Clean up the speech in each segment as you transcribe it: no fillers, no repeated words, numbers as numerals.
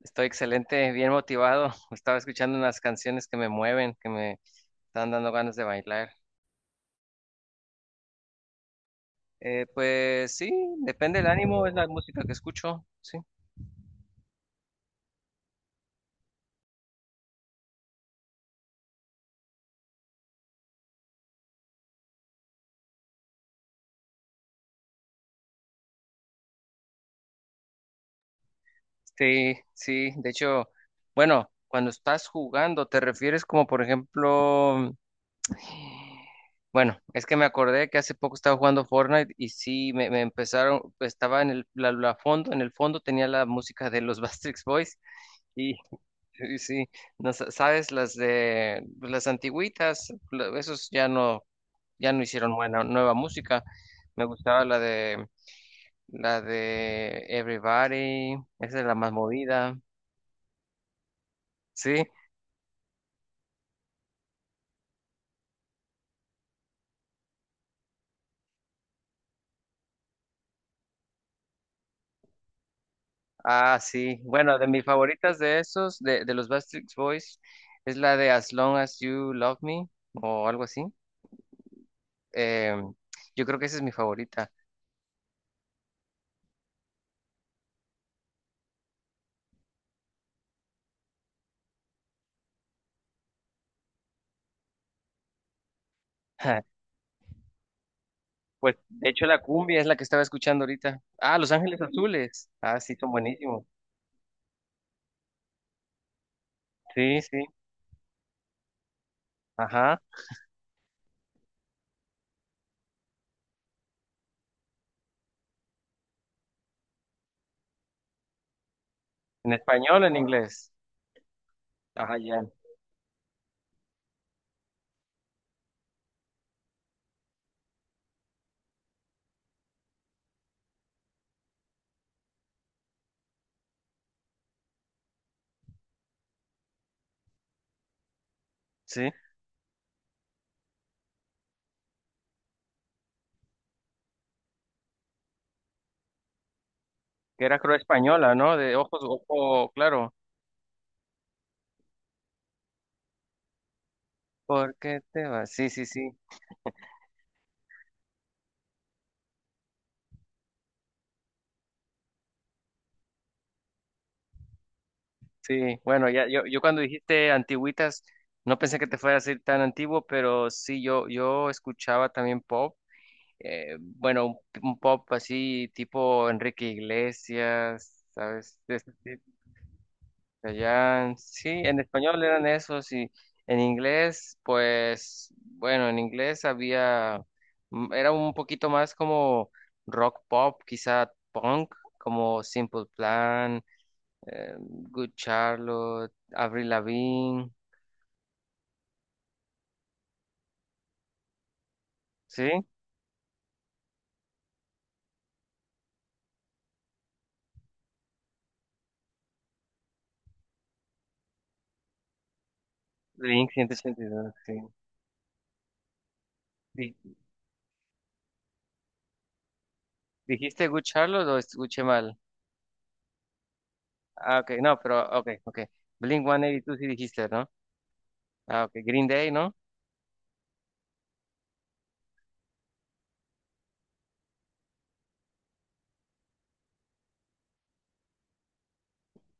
Estoy excelente, bien motivado. Estaba escuchando unas canciones que me mueven, que me están dando ganas de bailar. Pues sí, depende del ánimo, es la música que escucho, sí. Sí, sí, de hecho, bueno, cuando estás jugando, ¿te refieres como por ejemplo... Bueno, es que me acordé que hace poco estaba jugando Fortnite y sí, me empezaron, estaba en la fondo, en el fondo tenía la música de los Backstreet Boys y sí, sí. No, sabes, las de pues, las antiguitas, esos ya no, ya no hicieron buena, nueva música. Me gustaba la de Everybody, esa es la más movida. Sí, ah, sí. Bueno, de mis favoritas de esos, de los Backstreet Boys, es la de As Long as You Love Me o algo así. Eh, yo creo que esa es mi favorita. Pues, de hecho, la cumbia es la que estaba escuchando ahorita. Ah, Los Ángeles Azules. Ah, sí, son buenísimos. Sí, sí, ajá. En español, en inglés. Ajá, ya. Sí, que era creo española, ¿no? De ojos, ojo, claro. ¿Por qué te vas? Sí, sí, sí, sí. Bueno, ya, yo cuando dijiste antigüitas, no pensé que te fuera a decir tan antiguo, pero sí, yo escuchaba también pop. Bueno, un pop así tipo Enrique Iglesias, ¿sabes? De ese allá, sí, en español eran esos y en inglés, pues, bueno, en inglés había, era un poquito más como rock pop, quizá punk, como Simple Plan, Good Charlotte, Avril Lavigne, ¿sí? Blink ciento ochenta y dos sí. Di- ¿Dijiste Good Charlotte o escuché mal? Ah, ok, no, pero, ok, ok. Blink 182 sí dijiste, ¿no? Ah, ok, Green Day, ¿no?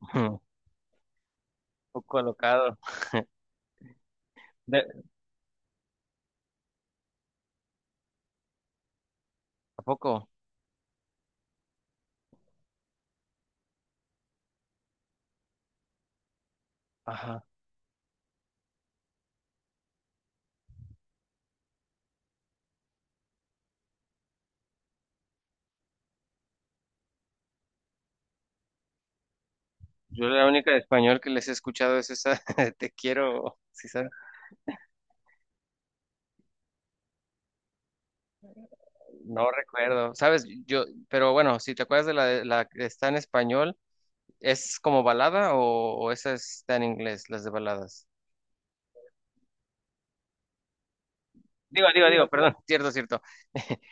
Un poco colocado. De- ¿A poco? Ajá. Yo la única de español que les he escuchado es esa, te quiero, sí, ¿sabes? No recuerdo, ¿sabes? Yo, pero bueno, si te acuerdas de la, la que está en español, ¿es como balada o esa está en inglés, las de baladas? Digo, perdón, cierto, cierto,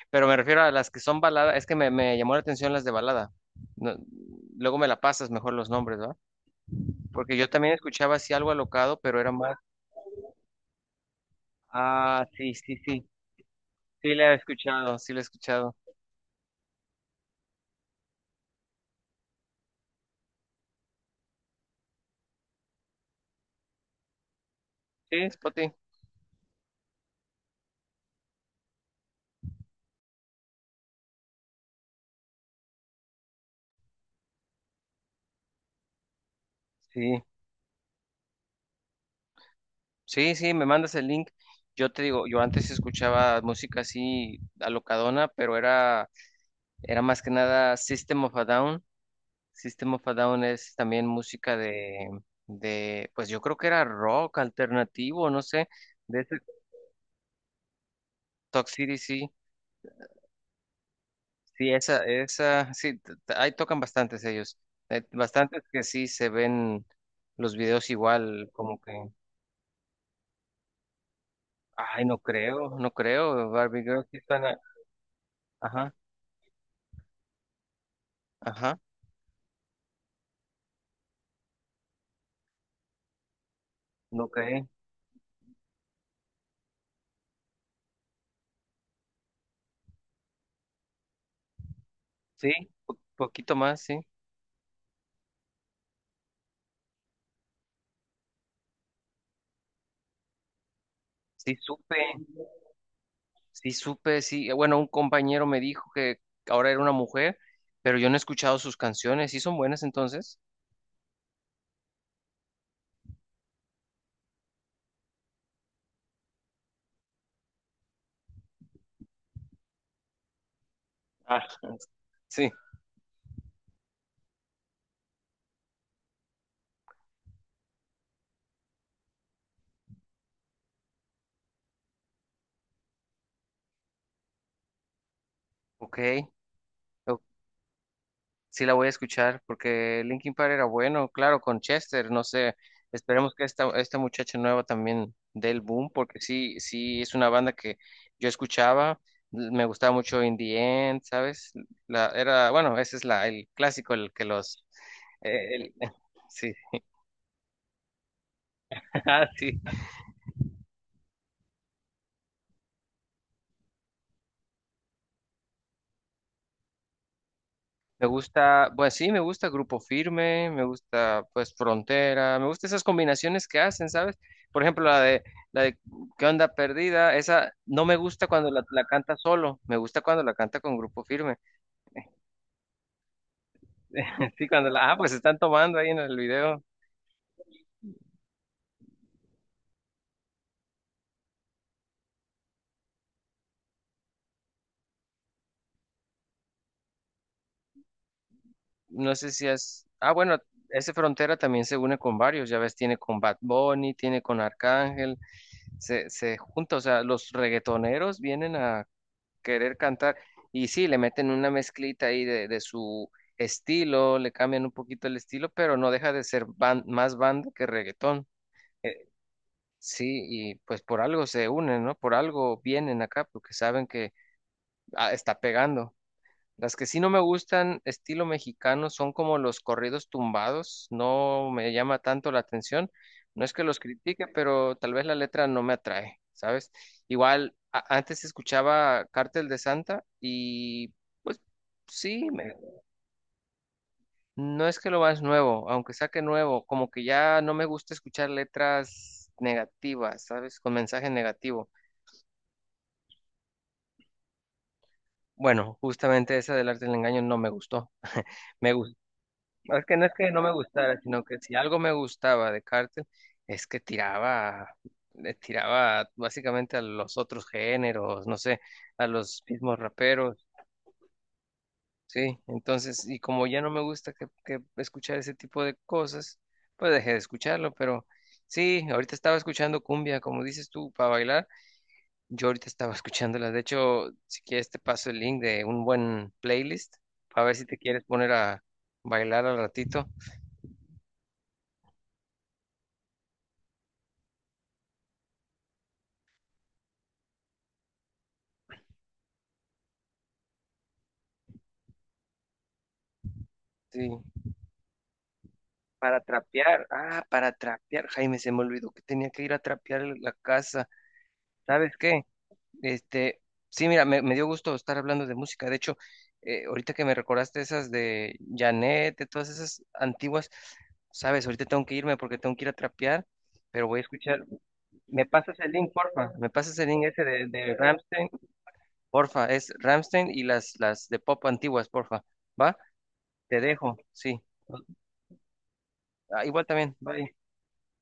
pero me refiero a las que son baladas, es que me llamó la atención las de balada. No- luego me la pasas mejor los nombres, ¿va? Porque yo también escuchaba así algo alocado, pero era más... Ah, sí, sí, sí, sí la he escuchado, sí la he escuchado. Sí, Spotty, sí. Sí, sí, me mandas el link. Yo te digo, yo antes escuchaba música así alocadona, pero era, era más que nada System of a Down. System of a Down es también música de, pues yo creo que era rock alternativo, no sé, de ese Toxicity, sí. Sí, esa, sí, ahí tocan bastantes ellos. Bastantes que sí se ven los videos igual, como que, ay, no creo, no creo, Barbie Girl, sí suena, ajá, ajá, no creo. Sí, poquito más, sí. Sí supe, sí supe, sí. Bueno, un compañero me dijo que ahora era una mujer, pero yo no he escuchado sus canciones. ¿Sí son buenas entonces? Ah, sí. Ok, sí la voy a escuchar porque Linkin Park era bueno, claro, con Chester, no sé, esperemos que esta muchacha nueva también dé el boom porque sí, sí es una banda que yo escuchaba, me gustaba mucho In the End, ¿sabes? La, era, bueno, ese es la, el clásico, el que los, el- sí, ah, sí. Me gusta, pues sí, me gusta Grupo Firme, me gusta pues Frontera, me gusta esas combinaciones que hacen, ¿sabes? Por ejemplo, la de ¿Qué onda perdida? Esa no me gusta cuando la canta solo, me gusta cuando la canta con Grupo Firme. Sí, cuando la, ah, pues están tomando ahí en el video. No sé si es, ah, bueno, ese Frontera también se une con varios, ya ves, tiene con Bad Bunny, tiene con Arcángel, se junta, o sea, los reggaetoneros vienen a querer cantar. Y sí, le meten una mezclita ahí de su estilo, le cambian un poquito el estilo, pero no deja de ser ban- más banda que reggaetón. Eh, sí, y pues por algo se unen, ¿no? Por algo vienen acá, porque saben que ah, está pegando. Las que sí no me gustan, estilo mexicano, son como los corridos tumbados. No me llama tanto la atención. No es que los critique, pero tal vez la letra no me atrae, ¿sabes? Igual, antes escuchaba Cártel de Santa y pues sí, me- no es que lo más nuevo, aunque saque nuevo, como que ya no me gusta escuchar letras negativas, ¿sabes? Con mensaje negativo. Bueno, justamente esa del arte del engaño no me gustó. Me gustó. Es que no me gustara, sino que si algo me gustaba de Cartel, es que tiraba, le tiraba básicamente a los otros géneros, no sé, a los mismos raperos, sí. Entonces, y como ya no me gusta que escuchar ese tipo de cosas, pues dejé de escucharlo, pero sí, ahorita estaba escuchando cumbia, como dices tú, para bailar. Yo ahorita estaba escuchándola. De hecho, si quieres te paso el link de un buen playlist, para ver si te quieres poner a bailar al ratito. Sí. Para trapear, ah, para trapear, Jaime, se me olvidó que tenía que ir a trapear la casa. ¿Sabes qué? Este, sí, mira, me dio gusto estar hablando de música. De hecho, ahorita que me recordaste esas de Janet, de todas esas antiguas, sabes, ahorita tengo que irme porque tengo que ir a trapear, pero voy a escuchar. ¿Me pasas el link, porfa? ¿Me pasas el link ese de Rammstein? Porfa, es Rammstein y las de pop antiguas, porfa. ¿Va? Te dejo, sí. Ah, igual también, bye.